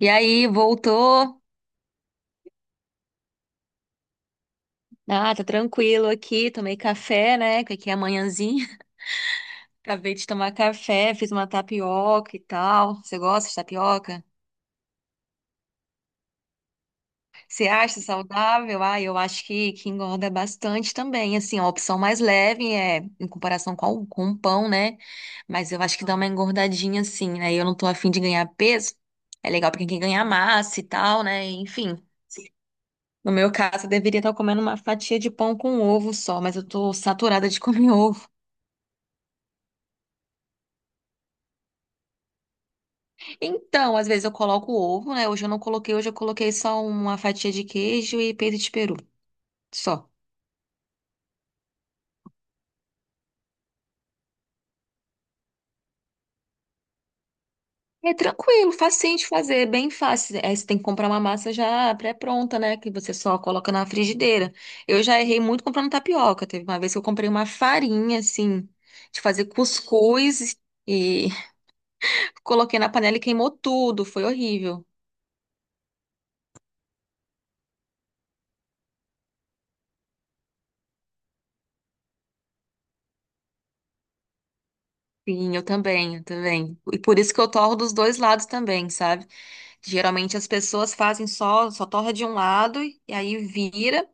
E aí, voltou? Ah, tá tranquilo aqui, tomei café, né? Que aqui é manhãzinha. Acabei de tomar café, fiz uma tapioca e tal. Você gosta de tapioca? Você acha saudável? Ah, eu acho que engorda bastante também. Assim, a opção mais leve é em comparação com o pão, né? Mas eu acho que dá uma engordadinha assim, né? Eu não tô afim de ganhar peso. É legal pra quem quer ganhar massa e tal, né? Enfim. No meu caso, eu deveria estar comendo uma fatia de pão com ovo só, mas eu tô saturada de comer ovo. Então, às vezes eu coloco ovo, né? Hoje eu não coloquei, hoje eu coloquei só uma fatia de queijo e peito de peru. Só. É tranquilo, facinho de fazer, é bem fácil. Aí você tem que comprar uma massa já pré-pronta, né? Que você só coloca na frigideira. Eu já errei muito comprando tapioca. Teve uma vez que eu comprei uma farinha, assim, de fazer cuscuz e coloquei na panela e queimou tudo. Foi horrível. Sim, eu também, eu também. E por isso que eu torro dos dois lados também, sabe? Geralmente as pessoas fazem só torra de um lado e aí vira.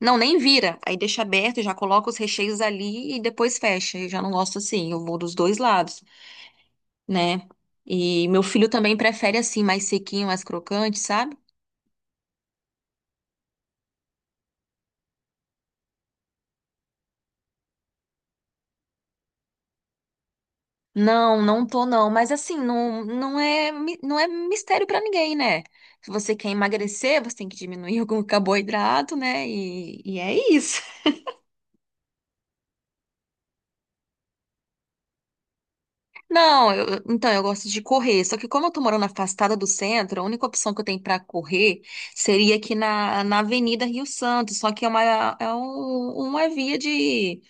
Não, nem vira. Aí deixa aberto, já coloca os recheios ali e depois fecha. Eu já não gosto assim, eu vou dos dois lados, né? E meu filho também prefere assim, mais sequinho, mais crocante, sabe? Não, não tô não, mas assim, não, não é, não é mistério pra ninguém, né? Se você quer emagrecer, você tem que diminuir algum carboidrato, né? E é isso. Não, então eu gosto de correr. Só que como eu tô morando afastada do centro, a única opção que eu tenho pra correr seria aqui na Avenida Rio Santos. Só que é uma, é uma via de,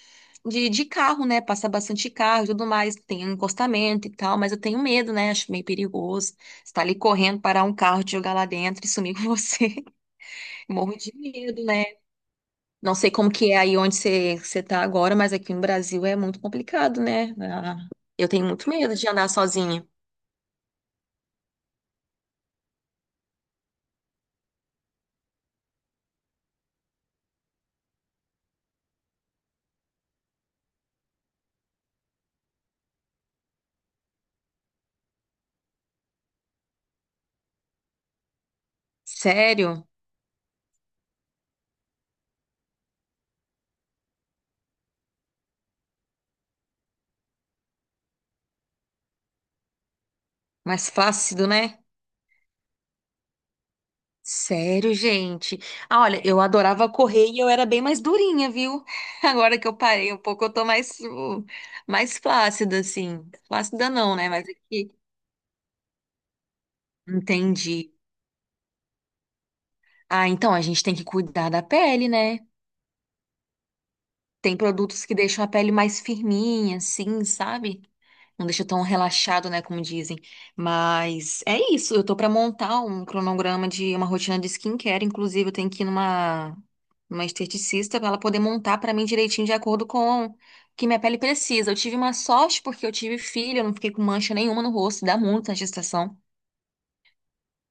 de, de carro, né? Passa bastante carro e tudo mais. Tem um encostamento e tal, mas eu tenho medo, né? Acho meio perigoso. Você tá ali correndo, parar um carro, te jogar lá dentro e sumir com você. Morro de medo, né? Não sei como que é aí onde você tá agora, mas aqui no Brasil é muito complicado, né? Ah, eu tenho muito medo de andar sozinha. Sério? Mais flácido, né? Sério, gente. Ah, olha, eu adorava correr e eu era bem mais durinha, viu? Agora que eu parei um pouco, eu tô mais flácida, assim. Flácida não, né? Mas aqui. Entendi. Ah, então a gente tem que cuidar da pele, né? Tem produtos que deixam a pele mais firminha, assim, sabe? Não deixa tão relaxado, né, como dizem. Mas é isso, eu tô pra montar um cronograma de uma rotina de skincare, inclusive eu tenho que ir numa uma esteticista para ela poder montar pra mim direitinho de acordo com o que minha pele precisa. Eu tive uma sorte porque eu tive filho, eu não fiquei com mancha nenhuma no rosto, dá muito na gestação,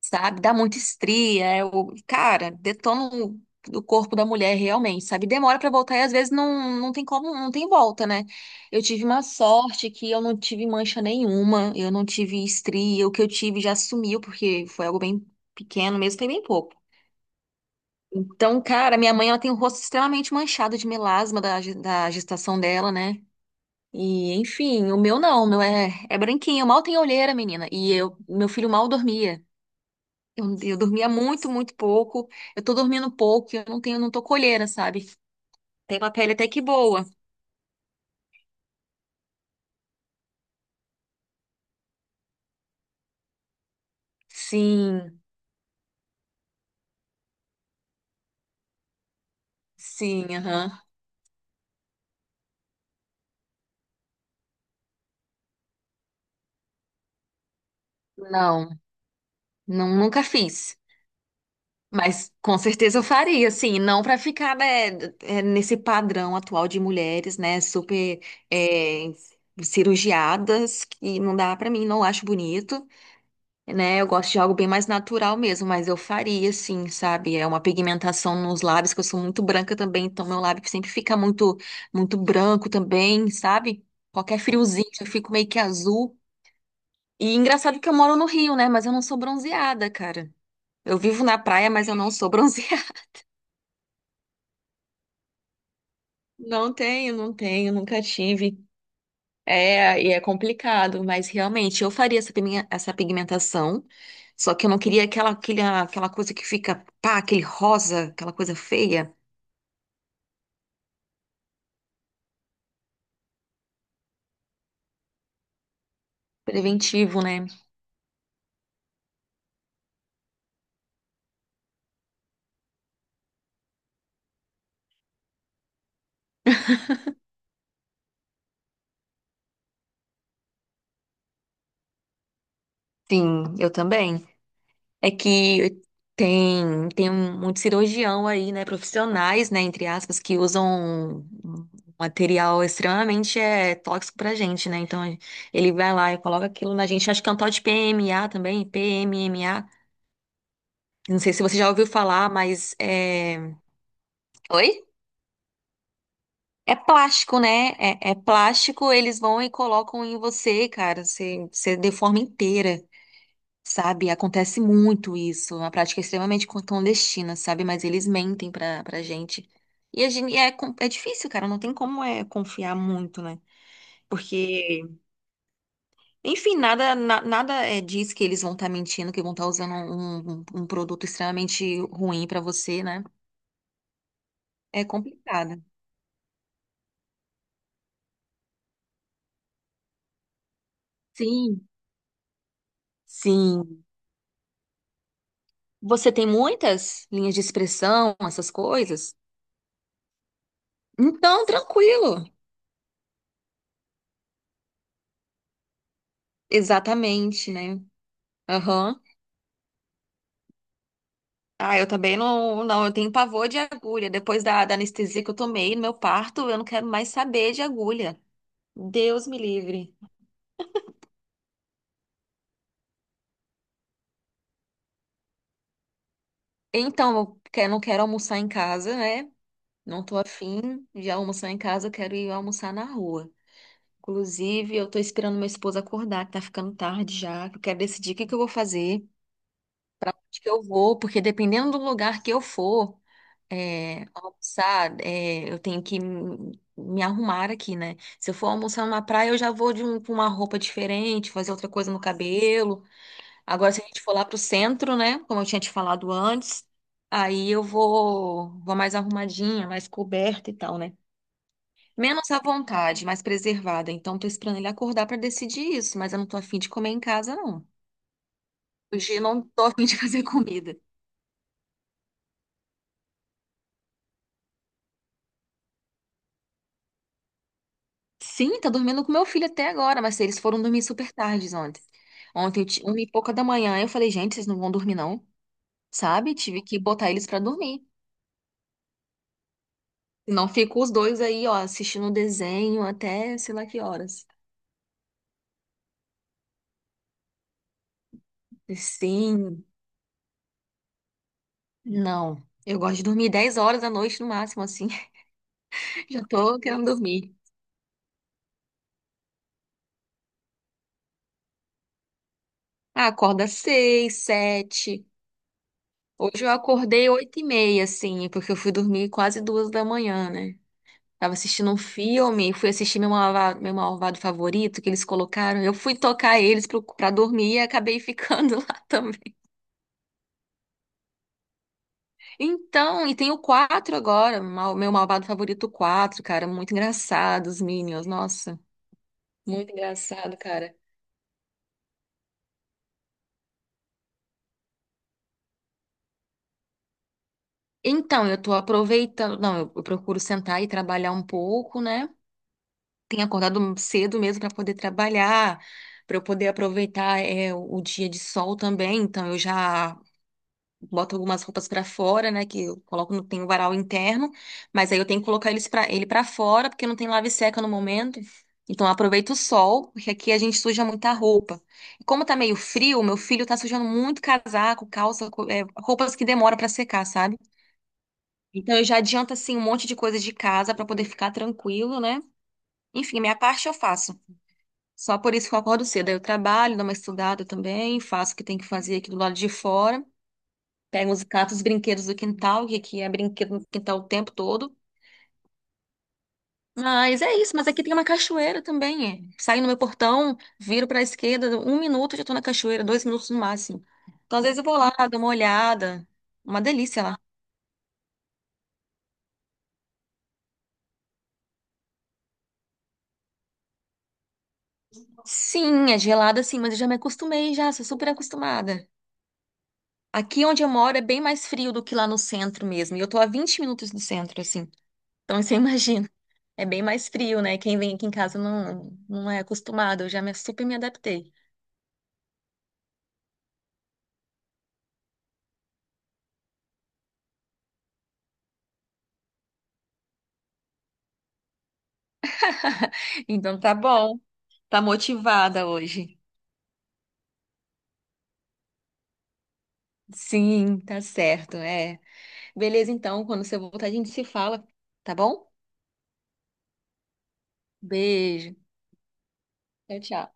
sabe? Dá muita estria, é o, cara, detona o corpo da mulher realmente, sabe? Demora pra voltar e às vezes não, não tem como, não tem volta, né? Eu tive uma sorte que eu não tive mancha nenhuma, eu não tive estria, o que eu tive já sumiu, porque foi algo bem pequeno mesmo, foi bem pouco. Então, cara, minha mãe, ela tem o rosto extremamente manchado de melasma da, da gestação dela, né? E, enfim, o meu não, o meu é branquinho, mal tem olheira, menina. E eu, meu filho mal dormia. Eu dormia muito, muito pouco. Eu tô dormindo pouco, e eu não tenho, não tô colheira, sabe? Tem uma pele até que boa. Sim, sim, aham. Não, não, nunca fiz. Mas com certeza eu faria, assim, não para ficar, né, nesse padrão atual de mulheres, né, super é, cirurgiadas, que não dá para mim, não acho bonito. Né? Eu gosto de algo bem mais natural mesmo, mas eu faria, sim, sabe? É uma pigmentação nos lábios, que eu sou muito branca também, então meu lábio sempre fica muito, muito branco também, sabe? Qualquer friozinho, eu fico meio que azul. E engraçado que eu moro no Rio, né? Mas eu não sou bronzeada, cara. Eu vivo na praia, mas eu não sou bronzeada. Não tenho, não tenho, nunca tive. É, e é complicado, mas realmente eu faria essa essa pigmentação, só que eu não queria aquela, aquela coisa que fica, pá, aquele rosa, aquela coisa feia, preventivo, né? Sim, eu também. É que tem muito cirurgião aí, né, profissionais, né, entre aspas, que usam um material extremamente tóxico pra gente, né? Então ele vai lá e coloca aquilo na gente, acho que é um tal de PMA também, PMMA. Não sei se você já ouviu falar, mas é. Oi? É plástico, né? É plástico, eles vão e colocam em você, cara. Você deforma inteira, sabe? Acontece muito isso. É uma prática extremamente clandestina, sabe? Mas eles mentem pra gente. E a gente, é difícil, cara. Não tem como confiar muito, né? Porque, enfim, nada diz que eles vão estar mentindo, que vão estar usando um, um produto extremamente ruim pra você, né? É complicado. Sim. Sim. Você tem muitas linhas de expressão, essas coisas? Então, tranquilo. Exatamente, né? Aham. Ah, eu também não, não, eu tenho pavor de agulha. Depois da anestesia que eu tomei no meu parto, eu não quero mais saber de agulha. Deus me livre. Então, eu não quero almoçar em casa, né? Não tô afim de almoçar em casa, eu quero ir almoçar na rua. Inclusive, eu tô esperando meu esposo acordar, que tá ficando tarde já. Que Eu quero decidir o que que eu vou fazer, para onde que eu vou, porque dependendo do lugar que eu for, almoçar, eu tenho que me arrumar aqui, né? Se eu for almoçar numa praia, eu já vou com uma roupa diferente, fazer outra coisa no cabelo. Agora, se a gente for lá pro centro, né? Como eu tinha te falado antes, aí eu vou mais arrumadinha, mais coberta e tal, né? Menos à vontade, mais preservada. Então, tô esperando ele acordar para decidir isso, mas eu não tô afim de comer em casa, não. Hoje eu não tô afim de fazer comida. Sim, tá dormindo com meu filho até agora, mas eles foram dormir super tardes ontem. Ontem, uma e pouca da manhã, eu falei, gente, vocês não vão dormir não, sabe? Tive que botar eles pra dormir. Senão ficam os dois aí, ó, assistindo desenho até sei lá que horas. Sim, não. Eu gosto de dormir 22h no máximo, assim. Já tô querendo dormir. Ah, acorda seis, sete. Hoje eu acordei 8h30, assim, porque eu fui dormir quase 2h da manhã, né? Tava assistindo um filme, fui assistir Meu Malvado Favorito que eles colocaram. Eu fui tocar eles pra dormir e acabei ficando lá também. Então, e tem o 4 agora, Meu Malvado Favorito quatro, cara. Muito engraçado, os Minions, nossa. Muito engraçado, cara. Então, eu tô aproveitando. Não, eu procuro sentar e trabalhar um pouco, né? Tenho acordado cedo mesmo para poder trabalhar, para eu poder aproveitar o dia de sol também. Então, eu já boto algumas roupas pra fora, né? Que eu coloco no tem um varal interno, mas aí eu tenho que colocar eles para ele para fora porque não tem lava e seca no momento. Então eu aproveito o sol, porque aqui a gente suja muita roupa. E como tá meio frio, meu filho tá sujando muito casaco, calça, roupas que demoram pra secar, sabe? Então eu já adianto assim um monte de coisas de casa pra poder ficar tranquilo, né? Enfim, minha parte eu faço. Só por isso que eu acordo cedo. Aí eu trabalho, dou uma estudada também, faço o que tem que fazer aqui do lado de fora. Pegam os gatos, os brinquedos do quintal, que aqui é brinquedo no quintal o tempo todo. Mas é isso, mas aqui tem uma cachoeira também. É. Saio no meu portão, viro para a esquerda, um minuto já estou na cachoeira, dois minutos no máximo. Então, às vezes eu vou lá, dou uma olhada. Uma delícia lá. Sim, é gelada sim, mas eu já me acostumei já, sou super acostumada. Aqui onde eu moro é bem mais frio do que lá no centro mesmo. E eu tô a 20 minutos do centro, assim. Então você imagina, é bem mais frio, né? Quem vem aqui em casa não, não é acostumado, eu já me, super me adaptei. Então tá bom. Tá motivada hoje. Sim, tá certo, é. Beleza, então, quando você voltar, a gente se fala, tá bom? Beijo. Tchau, tchau.